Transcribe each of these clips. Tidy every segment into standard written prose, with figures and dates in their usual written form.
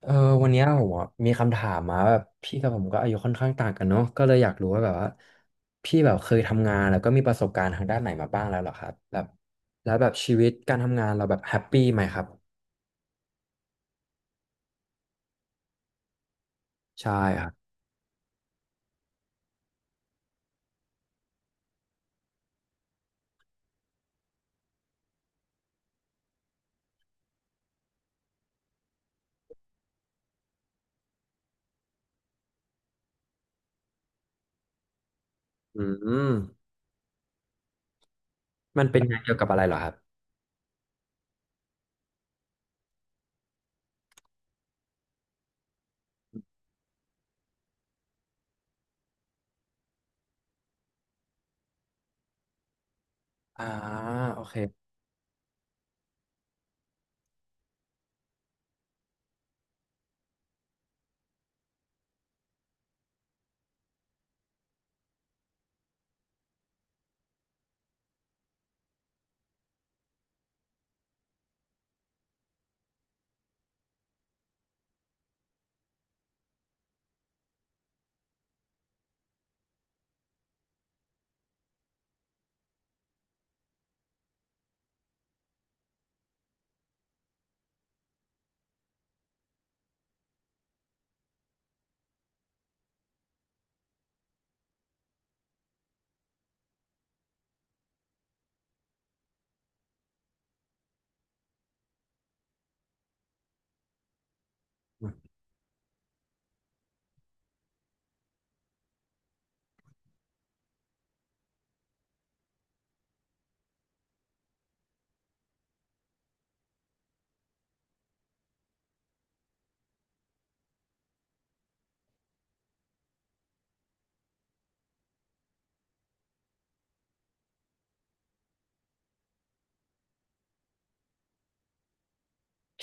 เออวันเนี้ยผมอะมีคำถามมาแบบพี่กับผมก็อายุค่อนข้างต่างกันเนาะก็เลยอยากรู้ว่าแบบว่าพี่แบบเคยทำงานแล้วก็มีประสบการณ์ทางด้านไหนมาบ้างแล้วเหรอครับแบบแล้วแบบชีวิตการทำงานเราแบบแฮปปี้ไหมครับใช่ครับอืมมันเป็นงานเกี่ยวกับอะไรเหรอครับอ่าโอเค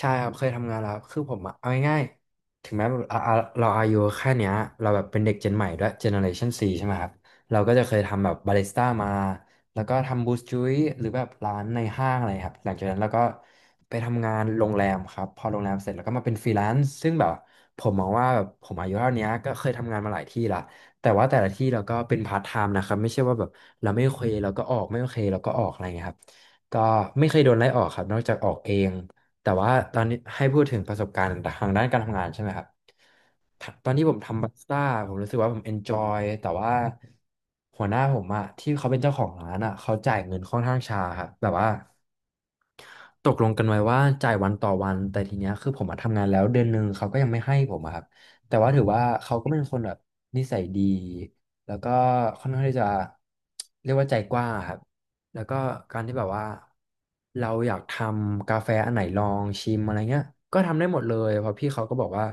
ใช่ครับเคยทำงานแล้วคือผมอะเอาง่ายๆถึงแม้แบบอ่ะเราอายุแค่เนี้ยเราแบบเป็นเด็กเจนใหม่ด้วยเจเนอเรชันซีใช่ไหมครับเราก็จะเคยทำแบบบาริสต้ามาแล้วก็ทำบูสจุยหรือแบบร้านในห้างอะไรครับหลังจากนั้นเราก็ไปทำงานโรงแรมครับพอโรงแรมเสร็จแล้วก็มาเป็นฟรีแลนซ์ซึ่งแบบผมมองว่าแบบผมอายุเท่านี้ก็เคยทำงานมาหลายที่ละแต่ว่าแต่ละที่เราก็เป็นพาร์ทไทม์นะครับไม่ใช่ว่าแบบเราไม่โอเคเราก็ออกไม่โอเคเราก็ออกอะไรเงี้ยครับก็ไม่เคยโดนไล่ออกครับนอกจากออกเอง แต่ว่าตอนนี้ให้พูดถึงประสบการณ์ทางด้านการทำงานใช่ไหมครับตอนที่ผมทำบาริสต้าผมรู้สึกว่าผมเอนจอยแต่ว่าหัวหน้าผมอะที่เขาเป็นเจ้าของร้านอะเขาจ่ายเงินค่อนข้างช้าครับแบบว่า ตกลงกันไว้ว่าจ่ายวันต่อวันแต่ทีเนี้ยคือผมมาทำงานแล้วเดือนหนึ่งเขาก็ยังไม่ให้ผมอะครับแต่ว่าถือว่าเขาก็เป็นคนแบบนิสัยดีแล้วก็ค่อนข้างที่จะเรียกว่าใจกว้างอะครับแล้วก็การที่แบบว่าเราอยากทำกาแฟอันไหนลองชิมอะไรเงี้ยก็ทำได้หมดเลยเพราะพี่เขาก็บอกว่า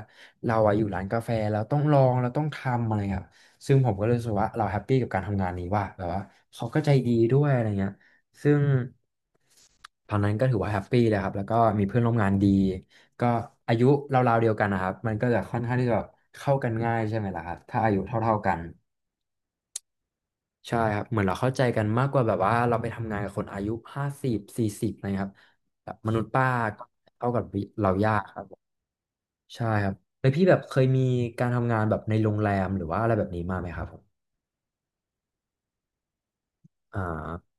เราอะอยู่ร้านกาแฟแล้วต้องลองเราต้องทำอะไรครับซึ่งผมก็เลยรู้สึกว่าเราแฮปปี้กับการทำงานนี้ว่าแบบว่าเขาก็ใจดีด้วยอะไรเงี้ย ซึ่งตอนนั้นก็ถือว่าแฮปปี้เลยครับแล้วก็มีเพื่อนร่วมงานดีก็อายุราวๆเดียวกันนะครับมันก็จะค่อนข้างที่จะแบบเข้ากันง่ายใช่ไหมล่ะครับถ้าอายุเท่าๆกันใช่ครับเหมือนเราเข้าใจกันมากกว่าแบบว่าเราไปทำงานกับคนอายุ5040อะไรครับแบบมนุษย์ป้าก็เข้ากับเรายากครับผมใช่ครับแล้วพี่แบบเคยมีการทำงานแบบในโรงแรมหรือว่าอะไรแบบนี้มาไหมครับผมอ่า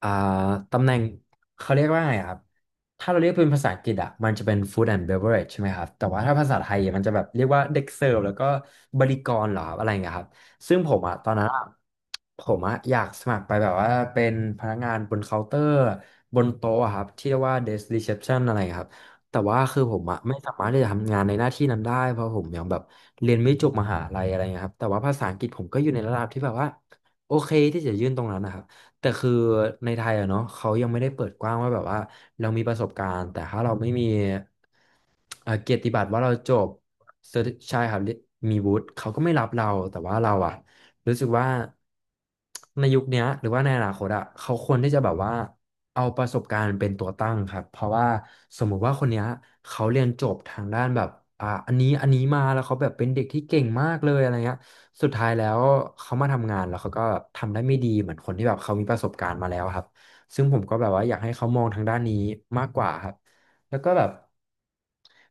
อ่าตำแหน่งเขาเรียกว่าไงอะครับถ้าเราเรียกเป็นภาษาอังกฤษอ่ะมันจะเป็น food and beverage ใช่ไหมครับแต่ว่าถ้าภาษาไทยอะมันจะแบบเรียกว่าเด็กเสิร์ฟแล้วก็บริกรเหรอครับอะไรอย่างเงี้ยครับซึ่งผมอ่ะตอนนั้นอะผมอ่ะอยากสมัครไปแบบว่าเป็นพนักงานบนเคาน์เตอร์บนโต๊ะอะครับที่เรียกว่า desk reception อะไรอย่างเงี้ยครับแต่ว่าคือผมอ่ะไม่สามารถที่จะทำงานในหน้าที่นั้นได้เพราะผมยังแบบเรียนไม่จบมหาลัยอะไรอย่างเงี้ยครับแต่ว่าภาษาอังกฤษผมก็อยู่ในระดับที่แบบว่าโอเคที่จะยื่นตรงนั้นนะครับ แต่คือในไทยอะเนาะเขายังไม่ได้เปิดกว้างว่าแบบว่าเรามีประสบการณ์แต่ถ้าเราไม่มีเกียรติบัตรว่าเราจบเซอร์ใช่ครับมีวุฒิเขาก็ไม่รับเราแต่ว่าเราอะรู้สึกว่าในยุคเนี้ยหรือว่าในอนาคตอะเขาควรที่จะแบบว่าเอาประสบการณ์เป็นตัวตั้งครับเพราะว่าสมมุติว่าคนเนี้ยเขาเรียนจบทางด้านแบบอันนี้มาแล้วเขาแบบเป็นเด็กที่เก่งมากเลยอะไรเงี้ย สุดท้ายแล้วเขามาทำงานแล้วเขาก็ทำได้ไม่ดีเหมือนคนที่แบบเขามีประสบการณ์มาแล้วครับซึ่งผมก็แบบว่าอยากให้เขามองทางด้านนี้มากกว่าครับแล้วก็แบบ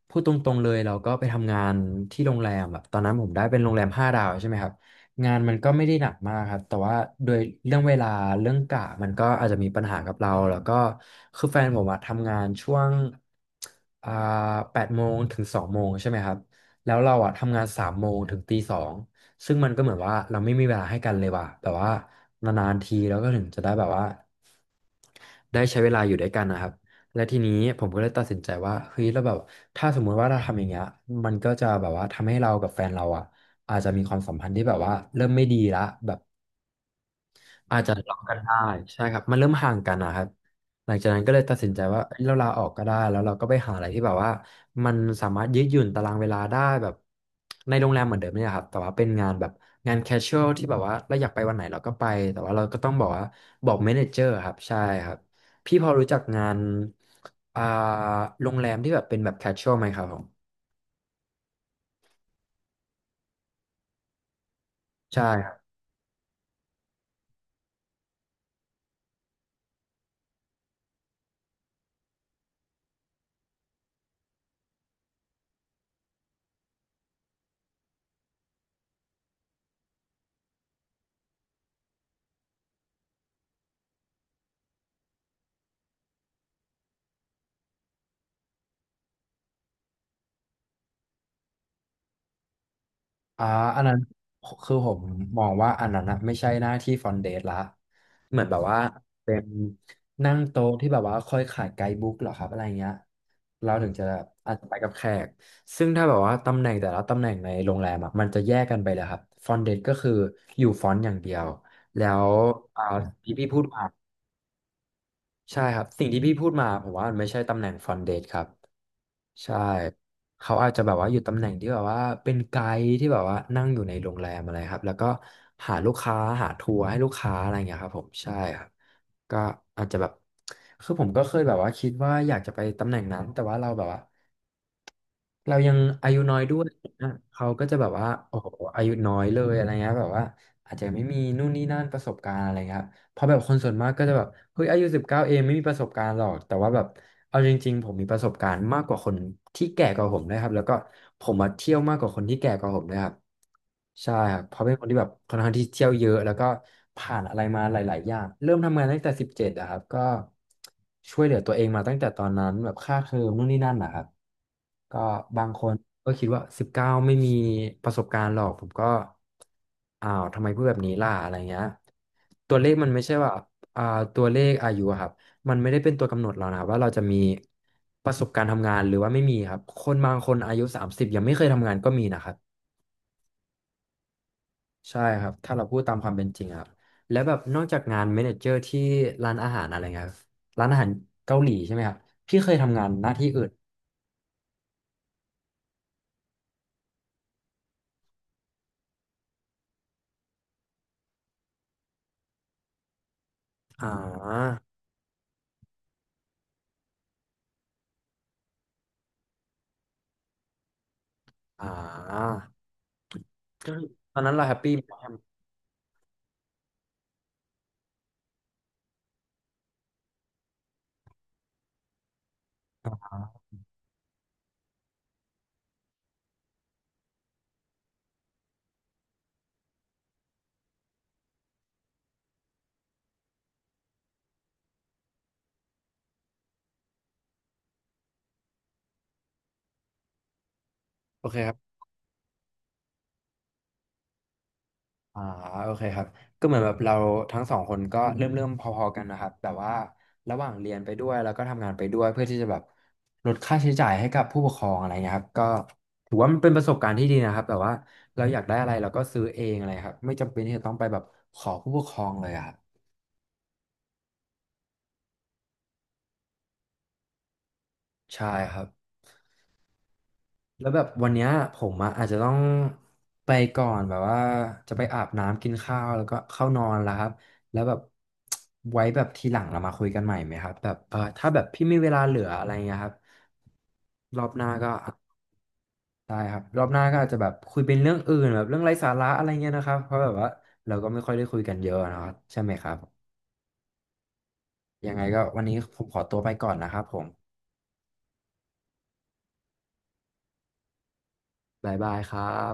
พูดตรงๆเลยเราก็ไปทำงานที่โรงแรมแบบตอนนั้นผมได้เป็นโรงแรม5 ดาวใช่ไหมครับงานมันก็ไม่ได้หนักมากครับแต่ว่าโดยเรื่องเวลาเรื่องกะมันก็อาจจะมีปัญหากับเราแล้วก็คือแฟนผมอะทำงานช่วงอ่า8 โมงถึง2 โมงใช่ไหมครับแล้วเราอะทำงาน3 โมงถึงตี 2 ซึ่งมันก็เหมือนว่าเราไม่มีเวลาให้กันเลยว่ะแบบว่านานๆทีเราก็ถึงจะได้แบบว่าได้ใช้เวลาอยู่ด้วยกันนะครับและทีนี้ผมก็เลยตัดสินใจว่าเฮ้ยแล้วแบบถ้าสมมุติว่าเราทำอย่างเงี้ยมันก็จะแบบว่าทำให้เรากับแฟนเราอ่ะอาจจะมีความสัมพันธ์ที่แบบว่าเริ่มไม่ดีละแบบ อาจจะล็อกกันได้ใช่ครับมันเริ่มห่างกันนะครับหลังจากนั้นก็เลยตัดสินใจว่าเอ้ยเราลาออกก็ได้แล้วเราก็ไปหาอะไรที่แบบว่ามันสามารถยืดหยุ่นตารางเวลาได้แบบในโรงแรมเหมือนเดิมเนี่ยครับแต่ว่าเป็นงานแบบงานแคชชวลที่แบบว่าเราอยากไปวันไหนเราก็ไปแต่ว่าเราก็ต้องบอกว่าบอกเมเนเจอร์ครับใช่ครับพี่พอรู้จักงานอ่าโรงแรมที่แบบเป็นแบบแคชชวลไหมครับผมใช่ อ่าอันนั้นคือผมมองว่าอันนั้นนะไม่ใช่หน้าที่ฟอนเดตละเหมือนแบบว่าเป็นนั่งโต๊ะที่แบบว่าคอยขายไกด์บุ๊กเหรอครับอะไรเงี้ยเราถึงจะอาจจะไปกับแขกซึ่งถ้าแบบว่าตำแหน่งแต่ละตำแหน่งในโรงแรมอะมันจะแยกกันไปเลยครับฟอนเดตก็คืออยู่ฟอนต์อย่างเดียวแล้วอ่าที่พี่พูดมา ใช่ครับสิ่งที่พี่พูดมาผมว่ามันไม่ใช่ตำแหน่งฟรอนต์เดสครับใช่เขาอาจจะแบบว่าอยู่ตำแหน่งที่แบบว่าเป็นไกด์ที่แบบว่านั่งอยู่ในโรงแรมอะไรครับแล้วก็หาลูกค้าหาทัวร์ให้ลูกค้าอะไรอย่างเงี้ยครับผมใช่ครับก็อาจจะแบบคือผมก็เคยแบบว่าคิดว่าอยากจะไปตำแหน่งนั้นแต่ว่าเราแบบว่าเรายังอายุน้อยด้วยนะเขาก็จะแบบว่าโอ้โหอายุน้อยเลยอะไรเงี้ยแบบว่าอาจจะไม่มีนู่นนี่นั่นประสบการณ์อะไรเงี้ย เพราะแบบคนส่วนมากก็จะแบบเฮ้ยอายุสิบเก้าเองไม่มีประสบการณ์หรอกแต่ว่าแบบเอาจริงๆผมมีประสบการณ์มากกว่าคนที่แก่กว่าผมนะครับแล้วก็ผมมาเที่ยวมากกว่าคนที่แก่กว่าผมด้วยครับใช่ครับเพราะเป็นคนที่แบบค่อนข้างที่เที่ยวเยอะแล้วก็ผ่านอะไรมาหลายๆอย่างเริ่มทำงานตั้งแต่17อะครับก็ช่วยเหลือตัวเองมาตั้งแต่ตอนนั้นแบบค่าเทอมนู่นนี่นั่นนะครับก็บางคนก็คิดว่าสิบเก้าไม่มีประสบการณ์หรอกผมก็ อ้าวทำไมพูดแบบนี้ล่ะอะไรเงี้ยตัวเลขมันไม่ใช่ว่าอ่าตัวเลขอายุอะครับมันไม่ได้เป็นตัวกำหนดเรานะครับว่าเราจะมีประสบการณ์ทำงานหรือว่าไม่มีครับคนบางคนอายุ30ยังไม่เคยทำงานก็มีนะครับใช่ครับถ้าเราพูดตามความเป็นจริงอะครับแล้วแบบนอกจากงานเมเนเจอร์ที่ร้านอาหารอะไรเงี้ยครับร้านอาหารเกาหลีใช่ไหมครับพี่เคยทำงานหน้าที่อื่นอ่าอ่าก็คือตอนนั้นเราแฮปปี้ไหมครับโอเคครับ อ่าโอเคครับก็เหมือนแบบเราทั้งสองคนก็อืเริ่มมเริ่มพอๆกันนะครับแต่ว่าระหว่างเรียนไปด้วยแล้วก็ทำงานไปด้วยเพื่อที่จะแบบลดค่าใช้จ่ายให้กับผู้ปกครองอะไรเงี้ยครับก็ถือว่ามันเป็นประสบการณ์ที่ดีนะครับแบบว่าเราอยากได้อะไรเราก็ซื้อเองอะไรครับไม่จำเป็นที่จะต้องไปแบบขอผู้ปกครองเลยอะครับใช่ครับ แล้วแบบวันเนี้ยผมอะอาจจะต้องไปก่อนแบบว่าจะไปอาบน้ำกินข้าวแล้วก็เข้านอนแล้วครับแล้วแบบ ไว้แบบทีหลังเรามาคุยกันใหม่ไหมครับแบบเออถ้าแบบพี่มีเวลาเหลืออะไรเงี้ยครับรอบหน้าก็ได้ครับรอบหน้าก็อาจจะแบบคุยเป็นเรื่องอื่นแบบเรื่องไร้สาระอะไรเงี้ยนะครับเพราะแบบว่าเราก็ไม่ค่อยได้คุยกันเยอะนะครับใช่ไหมครับยังไงก็วันนี้ผมขอตัวไปก่อนนะครับผมบ๊ายบายครับ